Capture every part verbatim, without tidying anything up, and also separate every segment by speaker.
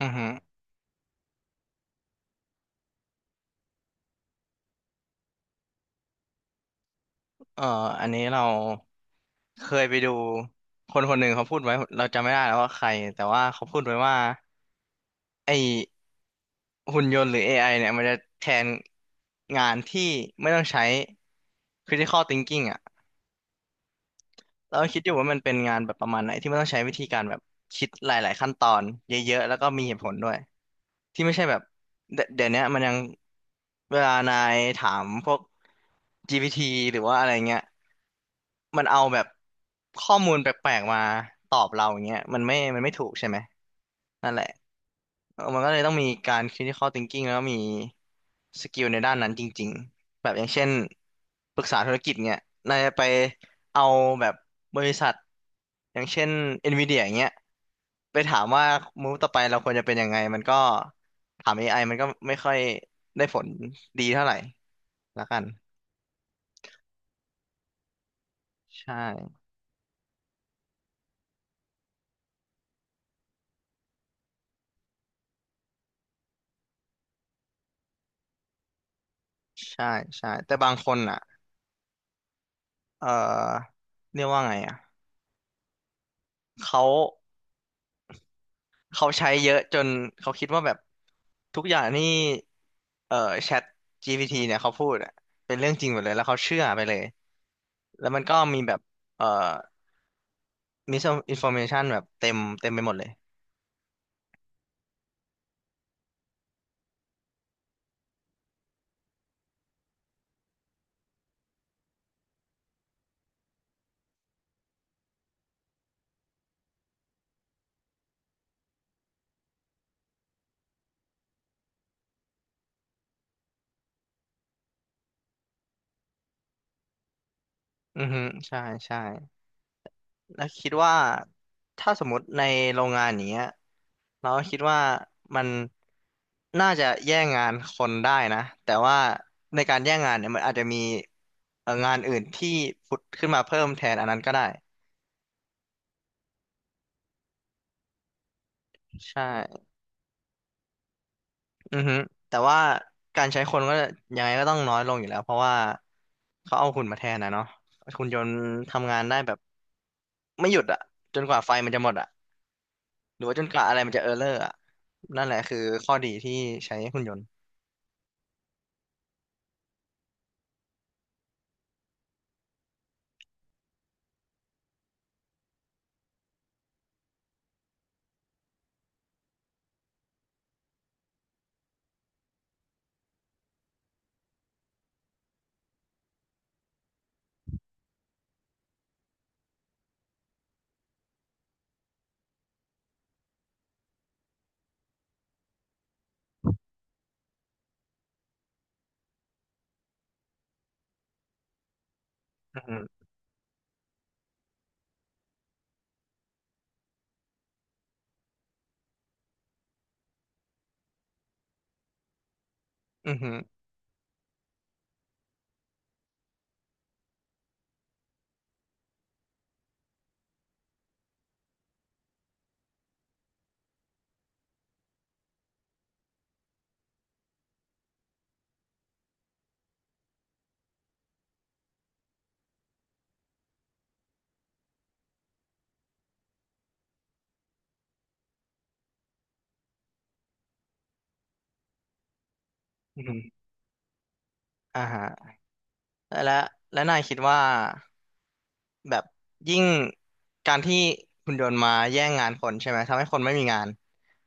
Speaker 1: อือฮึเอ่ออันนี้เราเคยไปดูคนคนหนึ่งเขาพูดไว้เราจำไม่ได้แล้วว่าใครแต่ว่าเขาพูดไว้ว่าไอหุ่นยนต์หรือ เอ เนี่ยมันจะแทนงานที่ไม่ต้องใช้ critical thinking อ่ะเราคิดอยู่ว่ามันเป็นงานแบบประมาณไหนที่ไม่ต้องใช้วิธีการแบบคิดหลายๆขั้นตอนเยอะๆ แล้วก็มีเหตุผลด้วยที่ไม่ใช่แบบเดเดี๋ยวเนี้ยมันยังเวลานายถามพวก จี พี ที หรือว่าอะไรเงี้ย มันเอาแบบข้อมูลแปลกๆมาตอบเราอย่างเงี้ยมันไม่มันไม่ถูกใช่ไหมนั่นแหละเออมันก็เลยต้องมีการ critical thinking แล้วก็มีสกิลในด้านนั้นจริงๆแบบอย่างเช่นปรึกษาธุรกิจเงี้ยนายจะไปเอาแบบบริษัทอย่างเช่น NVIDIA อย่างเงี้ยไปถามว่ามูฟต่อไปเราควรจะเป็นยังไงมันก็ถาม เอ มันก็ไม่ค่อยได้ผลดีเท่าไหร่ละกันใช่ใช่ใช่แต่บางคนอ่ะ เอ่อเรียกว่าไงอ่ะเขาเขาใช้เยอะจนเขาคิดว่าแบบทุกอย่างนี่เอ่อแชท จี พี ที เนี่ยเขาพูดอะเป็นเรื่องจริงหมดเลยแล้วเขาเชื่อไปเลยแล้วมันก็มีแบบเอ่อมิสอินฟอร์เมชันแบบเต็มเต็มไปหมดเลยอือฮึใช่ใช่ แล้วคิดว่าถ้าสมมติในโรงงานอย่างเงี้ยเราก็คิดว่ามันน่าจะแย่งงานคนได้นะแต่ว่าในการแย่งงานเนี่ยมันอาจจะมีเอ่องานอื่นที่ผุดขึ้นมาเพิ่มแทนอันนั้นก็ได้ใช่อือฮึแต่ว่าการใช้คนก็ยังไงก็ต้องน้อยลงอยู่แล้วเพราะว่าเขาเอาหุ่นมาแทนนะเนาะหุ่นยนต์ทำงานได้แบบไม่หยุดอะจนกว่าไฟมันจะหมดอะหรือว่าจนกว่าอะไรมันจะเออร์เลอร์อะนั่นแหละคือข้อดีที่ใช้หุ่นยนต์ อืมอืมอหืมออืมอ่าฮะและและนายคิดว่าแบบยิ่งการที่หุ่นยนต์มาแย่งงานคนใช่ไหมทำให้คนไม่มีงาน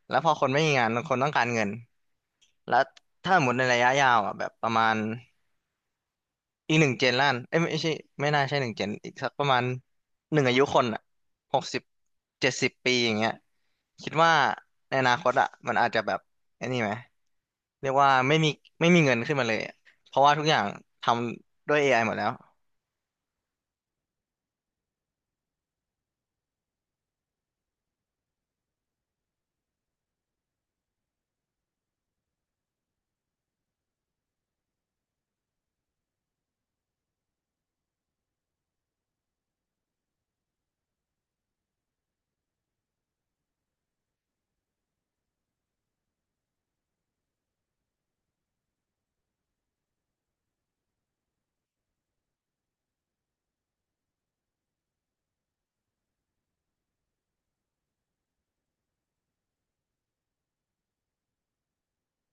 Speaker 1: แล้วพอคนไม่มีงานคนต้องการเงินแล้วถ้าหมดในระยะยาวอ่ะแบบประมาณ อีกหนึ่งเจนล้านเอ้ยไม่ใช่ไม่น่าใช่หนึ่งเจนอีกสักประมาณหนึ่งอายุคนอ่ะหกสิบเจ็ดสิบปีอย่างเงี้ยคิดว่าในอนาคตอ่ะมันอาจจะแบบไอ้นี่ไหมเรียกว่าไม่มีไม่มีเงินขึ้นมาเลยอะเพราะว่าทุกอย่างทำด้วย เอ หมดแล้ว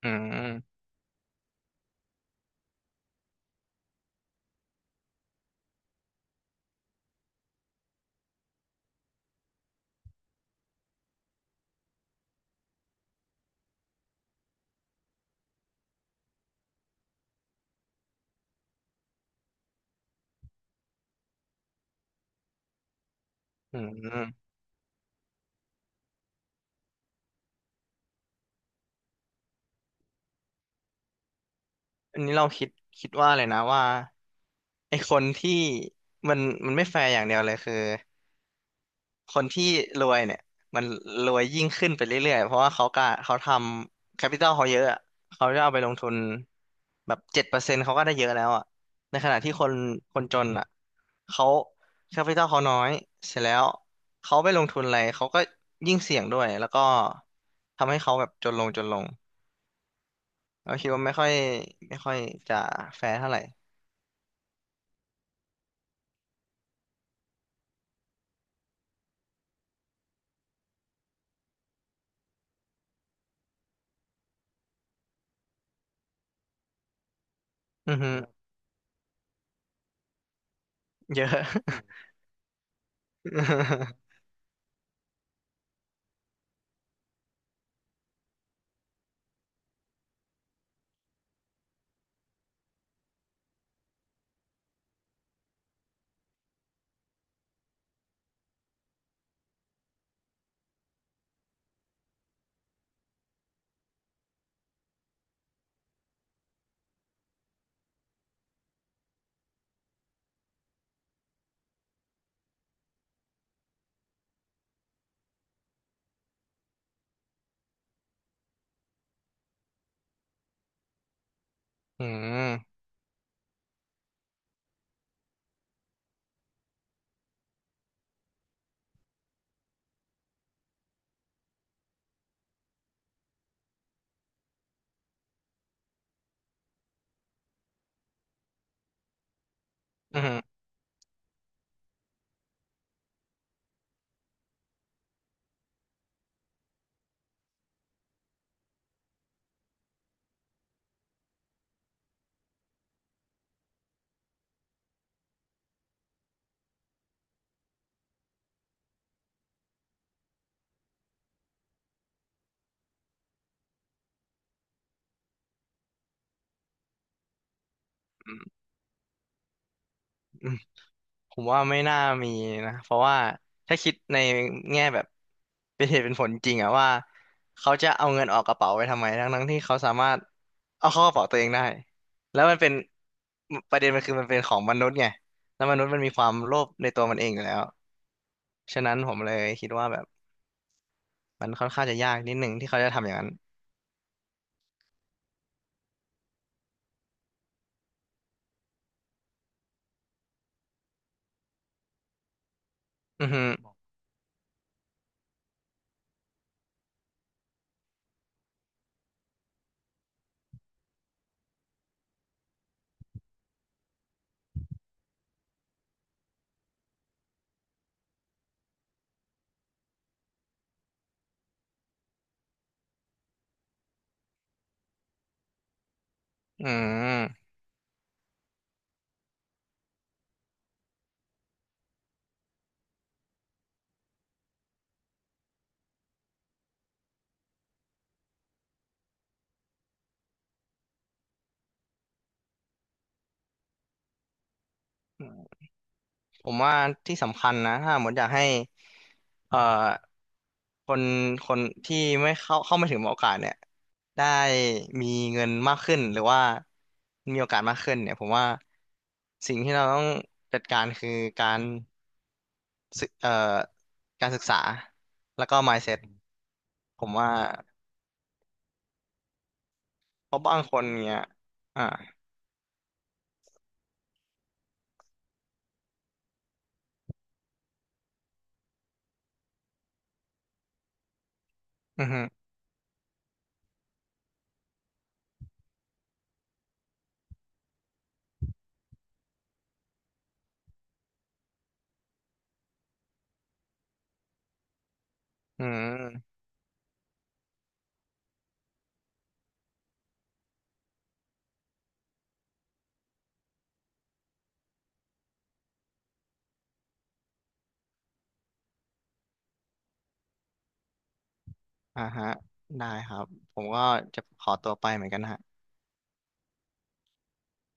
Speaker 1: อืมอืมอันนี้เราคิดคิดว่าเลยนะว่าไอ้คนที่มันมันไม่แฟร์อย่างเดียวเลยคือ คนที่รวยเนี่ยมันรวยยิ่งขึ้นไปเรื่อยๆเพราะว่าเขาก็เขาทำแคปิตอลเขาเยอะอะเขาจะเอาไปลงทุนแบบเจ็ดเปอร์เซ็นต์เขาก็ได้เยอะแล้วอ่ะในขณะที่คนคนจนอ่ะเขาแคปิตอลเขาน้อยเสร็จแล้วเขาไปลงทุนอะไรเขาก็ยิ่งเสี่ยงด้วยแล้วก็ทำให้เขาแบบจนลงจนลงเราคิดว่าไม่ค่อยไม่ค่อยจะแฟร์เท่าไหร่อือฮึเยอะ อืมอืมอืม ผมว่าไม่น่ามีนะเพราะว่าถ้าคิดในแง่แบบเป็นเหตุเป็นผลจริงอะว่าเขาจะเอาเงินออกกระเป๋าไปทำไมทั้งๆที่เขาสามารถเอาเข้ากระเป๋าตัวเองได้แล้วมันเป็นประเด็นมันคือมันเป็นของมนุษย์ไงแล้วมนุษย์มันมีความโลภในตัวมันเองอยู่แล้วฉะนั้นผมเลยคิดว่าแบบมันค่อนข้างจะยากนิดหนึ่งที่เขาจะทำอย่างนั้นอือฮึอืม ผมว่าที่สำคัญนะถ้าหมดอยากให้เอ่อคนคนที่ไม่เข้าเข้าไม่ถึงโอกาสเนี่ยได้มีเงินมากขึ้นหรือว่ามีโอกาสมากขึ้นเนี่ยผมว่าสิ่งที่เราต้องจัดการคือการศึกเอ่อการศึกษาแล้วก็ mindset ผมว่าเพราะบางคนเนี่ยอ่าอือฮึอืมอ่าฮะได้ครับผมก็จะขอตัวไปเหมือนกันฮะ